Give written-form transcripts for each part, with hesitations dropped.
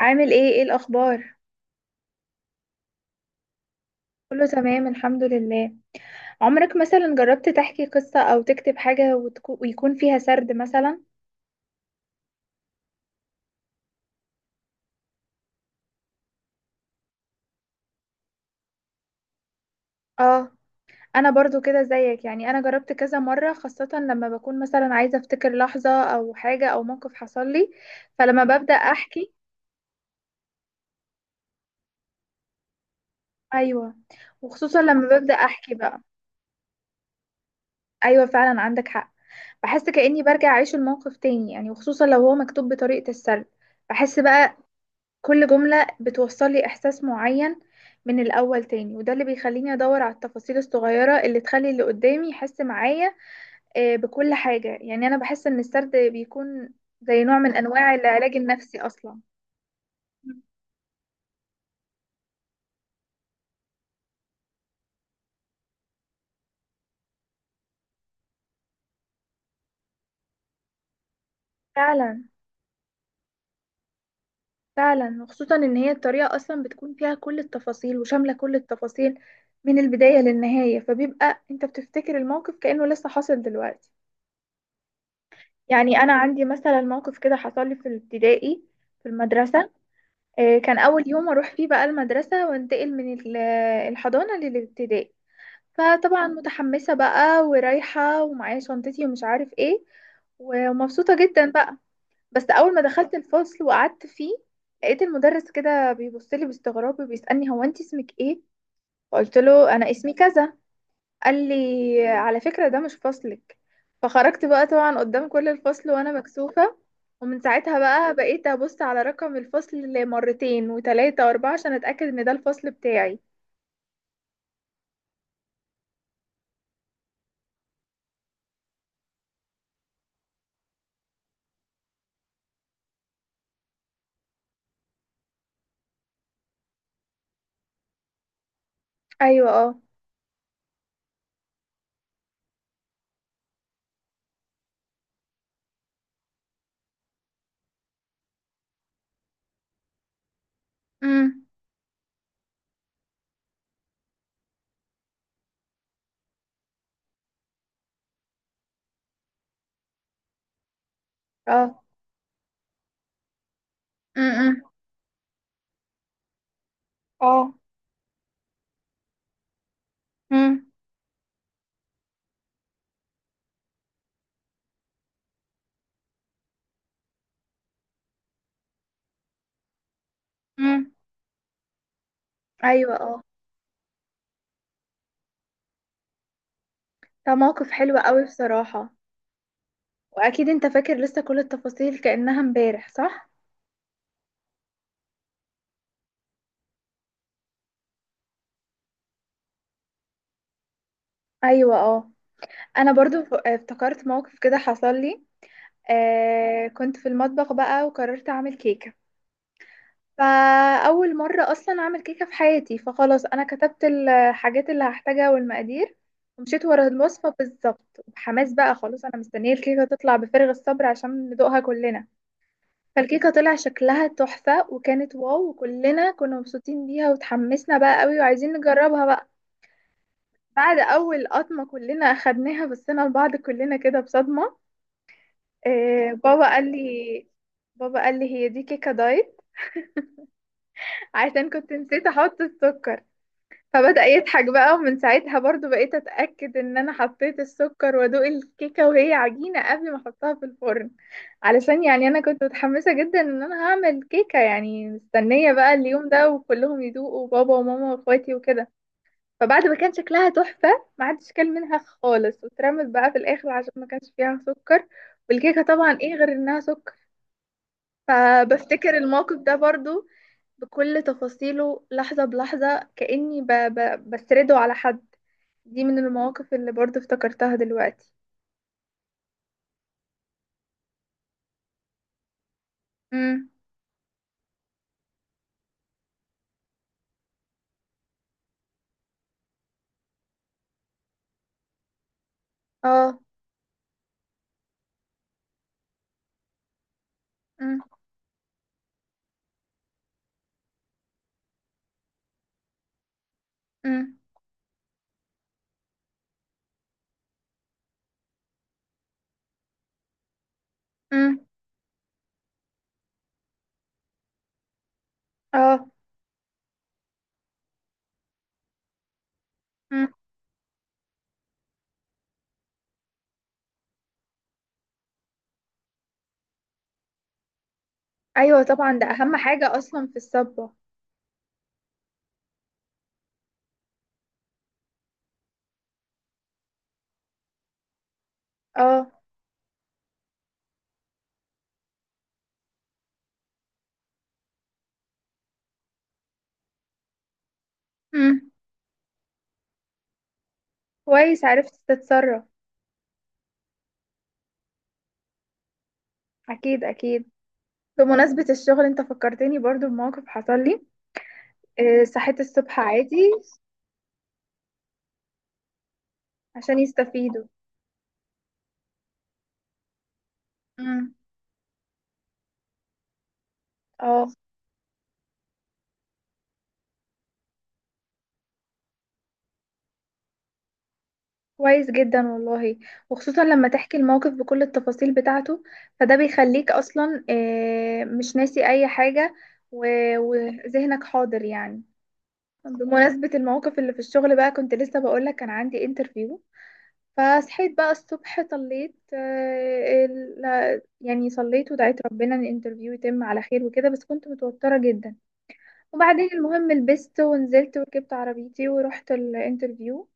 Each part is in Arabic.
عامل ايه الاخبار؟ كله تمام الحمد لله. عمرك مثلا جربت تحكي قصة او تكتب حاجة ويكون فيها سرد مثلا؟ اه. انا برضو كده زيك، يعني انا جربت كذا مرة، خاصة لما بكون مثلا عايزة افتكر لحظة او حاجة او موقف حصل لي. فلما ببدأ احكي. ايوه. وخصوصا لما ببدأ احكي بقى. ايوه فعلا، عندك حق. بحس كأني برجع اعيش الموقف تاني يعني، وخصوصا لو هو مكتوب بطريقة السرد. بحس بقى كل جملة بتوصل لي إحساس معين من الأول تاني، وده اللي بيخليني أدور على التفاصيل الصغيرة اللي تخلي اللي قدامي يحس معايا. بكل حاجة يعني. أنا بحس إن السرد بيكون زي نوع من أنواع العلاج النفسي أصلا. فعلا فعلا، وخصوصا إن هي الطريقة أصلا بتكون فيها كل التفاصيل، وشاملة كل التفاصيل من البداية للنهاية، فبيبقى أنت بتفتكر الموقف كأنه لسه حاصل دلوقتي. يعني أنا عندي مثلا موقف كده حصل لي في الابتدائي، في المدرسة. كان أول يوم أروح فيه بقى المدرسة وانتقل من الحضانة للابتدائي. فطبعا متحمسة بقى ورايحة، ومعايا شنطتي ومش عارف ايه، ومبسوطة جدا بقى. بس أول ما دخلت الفصل وقعدت فيه، لقيت المدرس كده بيبصلي باستغراب وبيسألني: هو انت اسمك ايه؟ فقلت له: أنا اسمي كذا. قال لي: على فكرة ده مش فصلك. فخرجت بقى طبعا قدام كل الفصل وانا مكسوفة. ومن ساعتها بقى بقيت ابص على رقم الفصل مرتين وتلاتة واربعة عشان اتأكد ان ده الفصل بتاعي. ايوه اه. امم. اه. امم. اه. امم. امم. ايوه اه. ده موقف حلو قوي بصراحة. واكيد انت فاكر لسه كل التفاصيل كأنها امبارح، صح؟ ايوه اه. انا برضو افتكرت موقف كده حصل لي. آه، كنت في المطبخ بقى وقررت اعمل كيكة، فأول مرة أصلا أعمل كيكة في حياتي. فخلاص أنا كتبت الحاجات اللي هحتاجها والمقادير، ومشيت ورا الوصفة بالظبط بحماس بقى. خلاص أنا مستنية الكيكة تطلع بفارغ الصبر عشان ندوقها كلنا. فالكيكة طلع شكلها تحفة وكانت واو، وكلنا كنا مبسوطين بيها وتحمسنا بقى قوي وعايزين نجربها بقى. بعد أول قطمة كلنا أخدناها بصينا لبعض كلنا كده بصدمة. إيه؟ بابا قال لي، بابا قال لي: هي دي كيكة دايت، عشان كنت نسيت أحط السكر. فبدأ يضحك بقى. ومن ساعتها برضو بقيت أتأكد إن أنا حطيت السكر، وأدوق الكيكة وهي عجينة قبل ما أحطها في الفرن. علشان يعني أنا كنت متحمسة جدا إن أنا هعمل كيكة، يعني مستنية بقى اليوم ده وكلهم يدوقوا، بابا وماما وأخواتي وكده. فبعد ما كان شكلها تحفة، ما حدش كل منها خالص واترمت بقى في الآخر عشان ما كانش فيها سكر. والكيكة طبعا إيه غير إنها سكر؟ فبفتكر الموقف ده برضو بكل تفاصيله لحظة بلحظة، كأني بسرده على حد. دي من المواقف اللي برضه افتكرتها دلوقتي. امم. اه. امم. امم. امم. اه. امم. ايوه طبعا، ده اهم حاجة اصلا في الصبة. اه. امم. كويس، عرفت تتصرف. اكيد اكيد. بمناسبة الشغل، انت فكرتني برضه بموقف حصل لي. آه، صحيت الصبح عادي. عشان يستفيدوا. امم. اه. كويس جدا والله. وخصوصا لما تحكي الموقف بكل التفاصيل بتاعته، فده بيخليك اصلا مش ناسي اي حاجة، وذهنك حاضر يعني. بمناسبة الموقف اللي في الشغل بقى، كنت لسه بقولك كان عندي انترفيو. فصحيت بقى الصبح، صليت، يعني صليت ودعيت ربنا ان الانترفيو يتم على خير وكده، بس كنت متوترة جدا. وبعدين المهم لبست ونزلت وركبت عربيتي ورحت الانترفيو.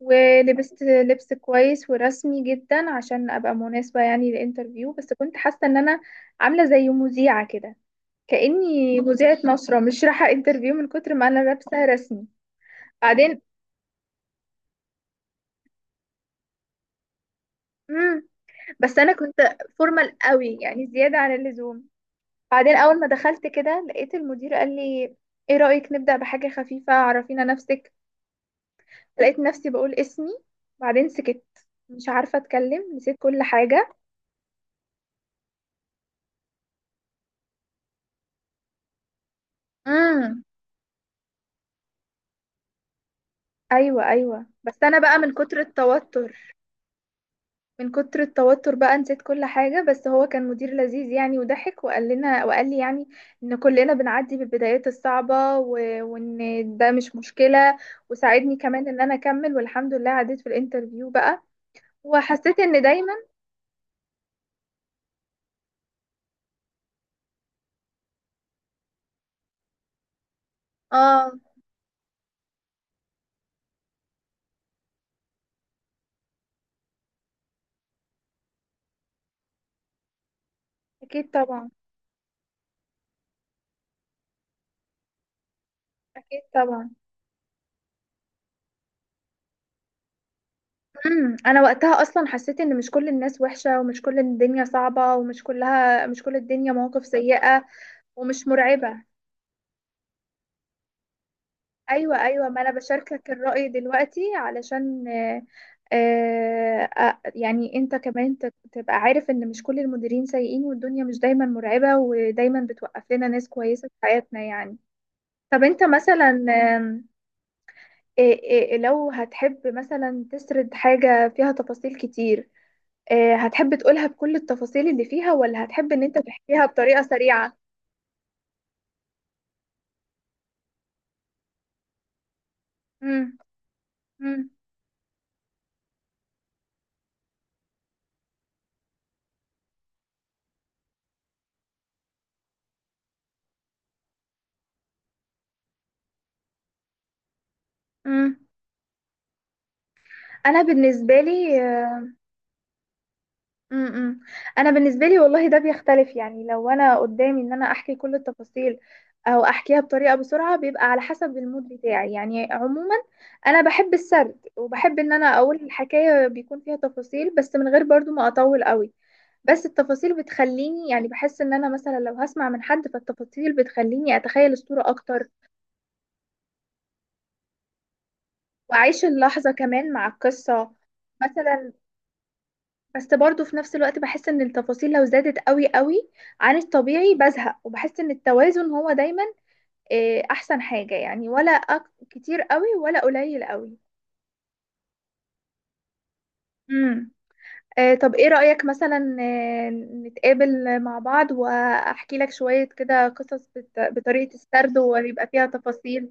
ولبست لبس كويس ورسمي جدا عشان ابقى مناسبة يعني للانترفيو، بس كنت حاسة ان انا عاملة زي مذيعة كده، كأني مذيعة نشرة مش رايحة انترفيو من كتر ما انا لابسة رسمي. بعدين. مم. بس انا كنت فورمال قوي يعني، زيادة عن اللزوم. بعدين اول ما دخلت كده لقيت المدير قال لي: ايه رأيك نبدأ بحاجة خفيفة؟ عرفينا نفسك. لقيت نفسي بقول اسمي، بعدين سكت. مش عارفة اتكلم، نسيت كل حاجة. امم. ايوه ايوه، بس انا بقى من كتر التوتر. من كتر التوتر بقى نسيت كل حاجة. بس هو كان مدير لذيذ يعني، وضحك وقال لنا وقال لي يعني ان كلنا بنعدي بالبدايات الصعبة وان ده مش مشكلة. وساعدني كمان ان انا اكمل، والحمد لله عديت في الانترفيو بقى. وحسيت ان دايما. اه. اكيد طبعا. اكيد طبعا. امم. انا وقتها اصلا حسيت ان مش كل الناس وحشة، ومش كل الدنيا صعبة، ومش كلها، مش كل الدنيا مواقف سيئة ومش مرعبة. ايوه ايوه، ما انا بشاركك الرأي دلوقتي، علشان يعني انت كمان تبقى عارف ان مش كل المديرين سيئين، والدنيا مش دايما مرعبة، ودايما بتوقف لنا ناس كويسة في حياتنا يعني. طب انت مثلا، آم، إيه- لو هتحب مثلا تسرد حاجة فيها تفاصيل كتير، هتحب تقولها بكل التفاصيل اللي فيها، ولا هتحب ان انت تحكيها بطريقة سريعة؟ امم. امم. امم. انا بالنسبة لي. امم. انا بالنسبة لي والله ده بيختلف يعني. لو انا قدامي ان انا احكي كل التفاصيل او احكيها بطريقة بسرعة، بيبقى على حسب المود بتاعي يعني. عموما انا بحب السرد، وبحب ان انا اقول الحكاية بيكون فيها تفاصيل، بس من غير برضو ما اطول قوي. بس التفاصيل بتخليني يعني، بحس ان انا مثلا لو هسمع من حد، فالتفاصيل بتخليني اتخيل الصورة اكتر، وأعيش اللحظة كمان مع القصة مثلا. بس برضو في نفس الوقت بحس إن التفاصيل لو زادت قوي قوي عن الطبيعي بزهق، وبحس إن التوازن هو دايما أحسن حاجة يعني، ولا كتير قوي ولا قليل قوي. امم. طب إيه رأيك مثلا آه، نتقابل مع بعض وأحكي لك شوية كده قصص بطريقة السرد ويبقى فيها تفاصيل؟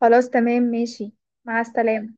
خلاص تمام ماشي. مع السلامة.